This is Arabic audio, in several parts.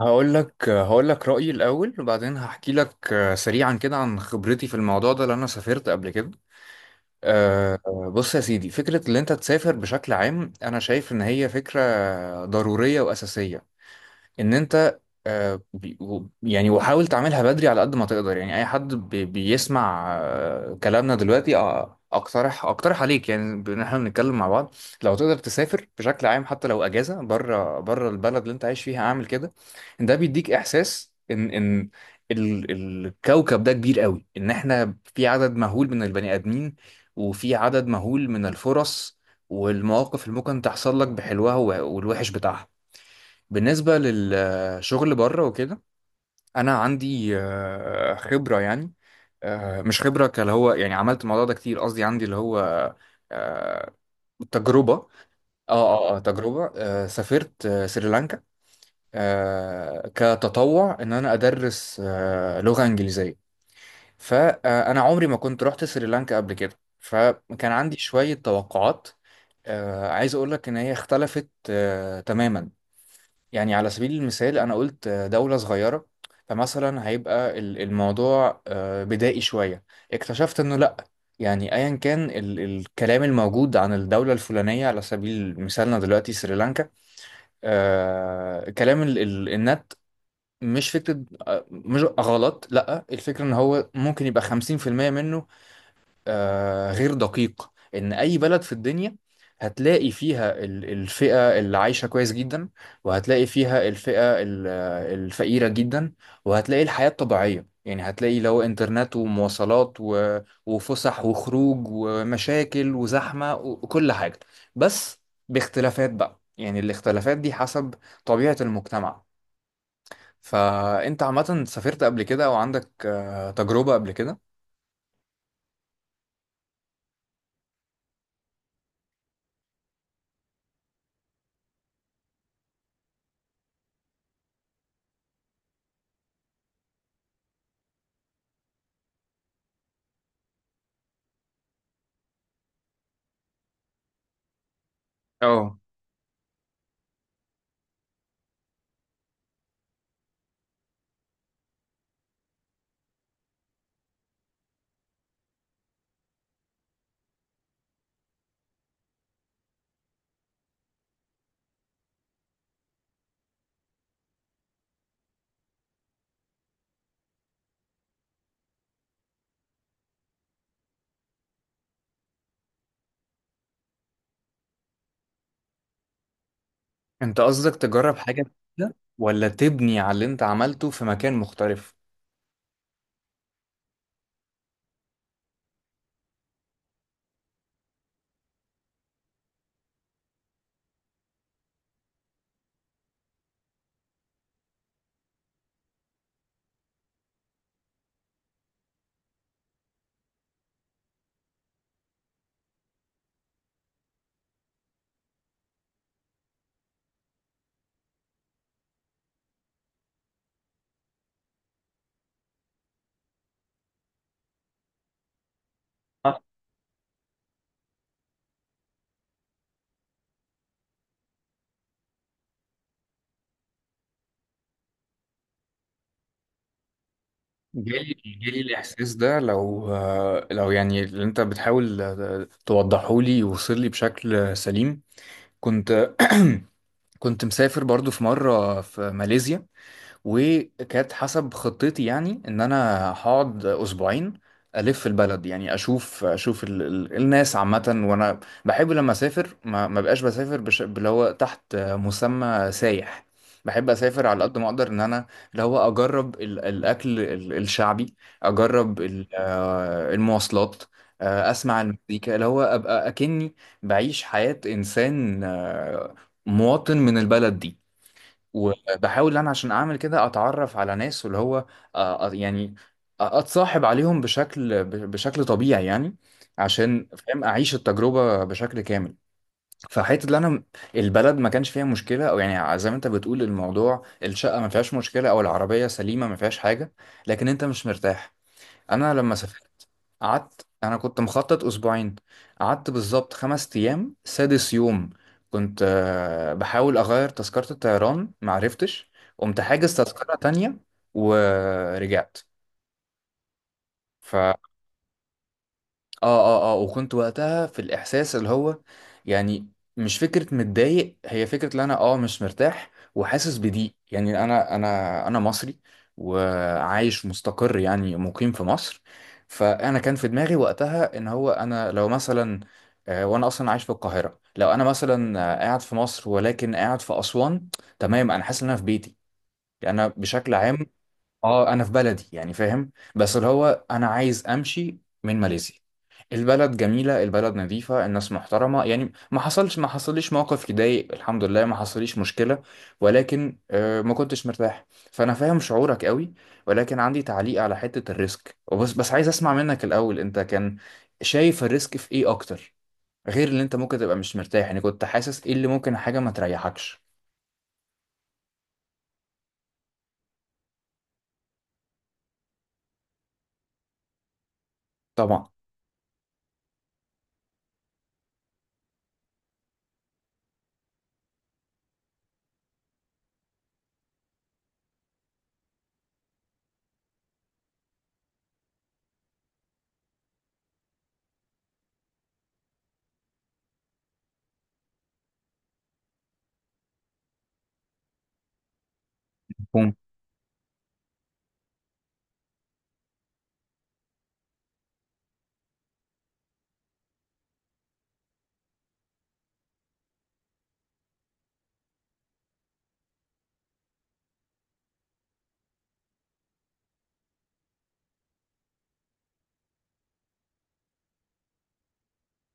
هقول لك رأيي الأول وبعدين هحكي لك سريعا كده عن خبرتي في الموضوع ده لأن أنا سافرت قبل كده. آه، بص يا سيدي، فكرة إن أنت تسافر بشكل عام أنا شايف إن هي فكرة ضرورية وأساسية. ان انت يعني وحاول تعملها بدري على قد ما تقدر. يعني اي حد بيسمع كلامنا دلوقتي، اقترح عليك، يعني ان احنا بنتكلم مع بعض، لو تقدر تسافر بشكل عام، حتى لو اجازه بره البلد اللي انت عايش فيها، اعمل كده. ده بيديك احساس ان ان الكوكب ده كبير قوي، ان احنا في عدد مهول من البني ادمين، وفي عدد مهول من الفرص والمواقف اللي ممكن تحصل لك بحلوها والوحش بتاعها. بالنسبة للشغل بره وكده، أنا عندي خبرة، يعني مش خبرة كاللي هو يعني عملت الموضوع ده كتير، قصدي عندي اللي هو آه، تجربة. اه تجربة. سافرت سريلانكا كتطوع إن أنا أدرس لغة إنجليزية. فأنا عمري ما كنت رحت سريلانكا قبل كده، فكان عندي شوية توقعات. عايز أقول لك إن هي اختلفت تماما. يعني على سبيل المثال، أنا قلت دولة صغيرة، فمثلا هيبقى الموضوع بدائي شوية. اكتشفت إنه لأ. يعني أيا كان ال الكلام الموجود عن الدولة الفلانية، على سبيل مثالنا دلوقتي سريلانكا، كلام ال ال النت مش فكرة مش غلط، لأ، الفكرة إن هو ممكن يبقى 50% منه غير دقيق. ان اي بلد في الدنيا هتلاقي فيها الفئة اللي عايشة كويس جدا، وهتلاقي فيها الفئة الفقيرة جدا، وهتلاقي الحياة الطبيعية. يعني هتلاقي لو انترنت ومواصلات وفسح وخروج ومشاكل وزحمة وكل حاجة، بس باختلافات بقى. يعني الاختلافات دي حسب طبيعة المجتمع. فأنت عامة سافرت قبل كده، أو عندك تجربة قبل كده؟ اه، انت قصدك تجرب حاجة جديدة ولا تبني على اللي انت عملته في مكان مختلف؟ آه، جالي الإحساس ده، لو لو يعني اللي انت بتحاول توضحه لي يوصل لي بشكل سليم. كنت كنت مسافر برضو في مرة في ماليزيا، وكانت حسب خطتي يعني ان انا هقعد اسبوعين، الف البلد، يعني اشوف ال الناس عامه. وانا بحب لما اسافر ما بقاش بسافر اللي هو تحت مسمى سايح. بحب اسافر على قد ما اقدر ان انا اللي هو اجرب الاكل الشعبي، اجرب ال آه، المواصلات، اسمع المزيكا، اللي هو ابقى اكني بعيش حياه انسان مواطن من البلد دي. وبحاول ان انا، عشان اعمل كده، اتعرف على ناس، واللي هو آه، آه، يعني اتصاحب عليهم بشكل بشكل طبيعي يعني، عشان فاهم اعيش التجربة بشكل كامل. فحته اللي انا، البلد ما كانش فيها مشكله، او يعني زي ما انت بتقول، الموضوع الشقه ما فيهاش مشكله او العربيه سليمه ما فيهاش حاجه، لكن انت مش مرتاح. انا لما سافرت قعدت، انا كنت مخطط اسبوعين، قعدت بالظبط خمس ايام. سادس يوم كنت بحاول اغير تذكرة الطيران، معرفتش، قمت حاجز تذكرة تانية ورجعت. اه اه وكنت وقتها في الاحساس اللي هو، يعني مش فكره متضايق، هي فكره ان انا مش مرتاح وحاسس بضيق. يعني انا انا مصري وعايش مستقر، يعني مقيم في مصر. فانا كان في دماغي وقتها ان هو انا لو مثلا، وانا اصلا عايش في القاهره، لو انا مثلا قاعد في مصر ولكن قاعد في اسوان، تمام انا حاسس ان انا في بيتي، يعني انا بشكل عام. اه، انا في بلدي يعني، فاهم، بس اللي هو انا عايز امشي من ماليزيا. البلد جميلة، البلد نظيفة، الناس محترمة، يعني ما حصليش موقف يضايق، الحمد لله ما حصليش مشكلة، ولكن ما كنتش مرتاح. فأنا فاهم شعورك قوي، ولكن عندي تعليق على حتة الريسك. وبس بس عايز أسمع منك الأول، أنت كان شايف الريسك في إيه أكتر، غير اللي أنت ممكن تبقى مش مرتاح؟ يعني كنت حاسس إيه اللي ممكن حاجة ما تريحكش؟ طبعا. مفهوم.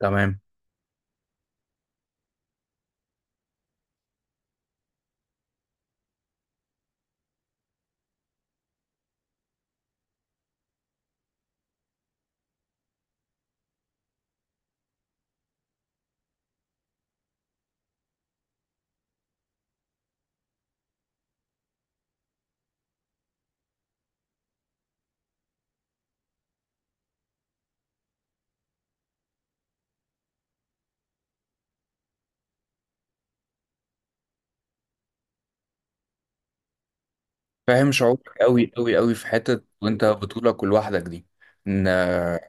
تمام. فاهم شعورك قوي قوي قوي في حتة وانت بطولك ولوحدك دي. ان آه،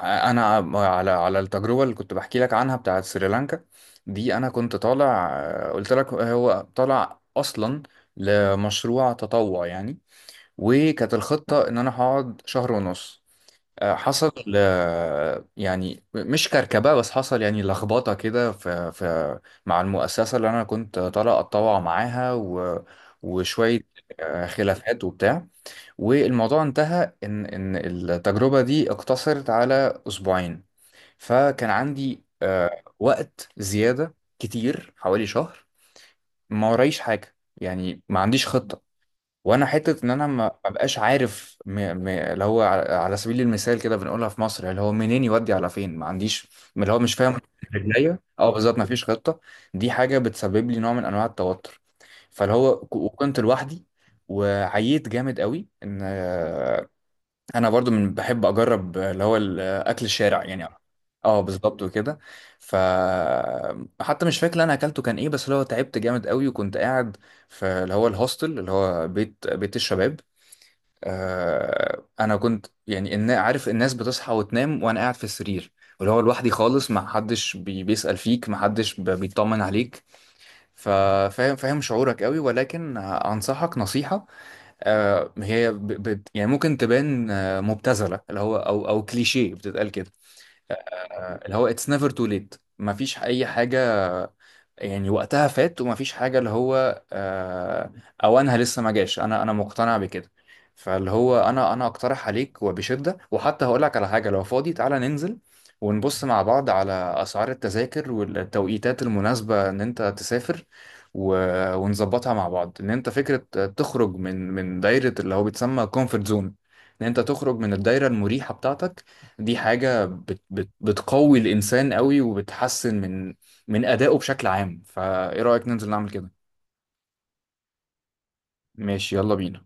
انا، على التجربة اللي كنت بحكي لك عنها بتاعت سريلانكا دي، انا كنت طالع قلت لك هو طالع اصلا لمشروع تطوع يعني، وكانت الخطة ان انا هقعد شهر ونص. حصل يعني مش كركبة، بس حصل يعني لخبطة كده في مع المؤسسة اللي أنا كنت طالع أتطوع معاها، وشوية خلافات وبتاع، والموضوع انتهى إن التجربة دي اقتصرت على أسبوعين. فكان عندي وقت زيادة كتير، حوالي شهر، ما ورايش حاجة، يعني ما عنديش خطة. وانا حته ان انا ما بقاش عارف اللي هو، على سبيل المثال كده بنقولها في مصر، اللي هو منين يودي على فين، ما عنديش اللي هو مش فاهم رجليا. اه، بالظبط، ما فيش خطه. دي حاجه بتسبب لي نوع من انواع التوتر. فاللي هو وكنت لوحدي وعييت جامد قوي. ان انا برضو من بحب اجرب اللي هو الاكل الشارع يعني، اه بالظبط، وكده. ف حتى مش فاكر انا اكلته كان ايه، بس اللي هو تعبت جامد قوي، وكنت قاعد في اللي هو الهوستل، اللي هو بيت الشباب. انا كنت يعني إن عارف الناس بتصحى وتنام، وانا قاعد في السرير، واللي هو لوحدي خالص، ما حدش بيسأل فيك، ما حدش بيطمن عليك. ففاهم شعورك قوي، ولكن انصحك نصيحة، هي يعني ممكن تبان مبتذله، اللي هو او كليشيه بتتقال كده، اللي هو اتس نيفر تو ليت. مفيش اي حاجه يعني وقتها فات، ومفيش حاجه اللي هو اوانها لسه ما جاش، انا مقتنع بكده. فاللي هو انا اقترح عليك وبشده، وحتى هقول لك على حاجه: لو فاضي، تعالى ننزل ونبص مع بعض على اسعار التذاكر والتوقيتات المناسبه ان انت تسافر، ونظبطها مع بعض. ان انت فكره تخرج من دايره اللي هو بيتسمى كومفورت زون، ان انت تخرج من الدايره المريحه بتاعتك، دي حاجة بت بت بتقوي الإنسان قوي، وبتحسن من أدائه بشكل عام. فإيه رأيك ننزل نعمل كده؟ ماشي، يلا بينا.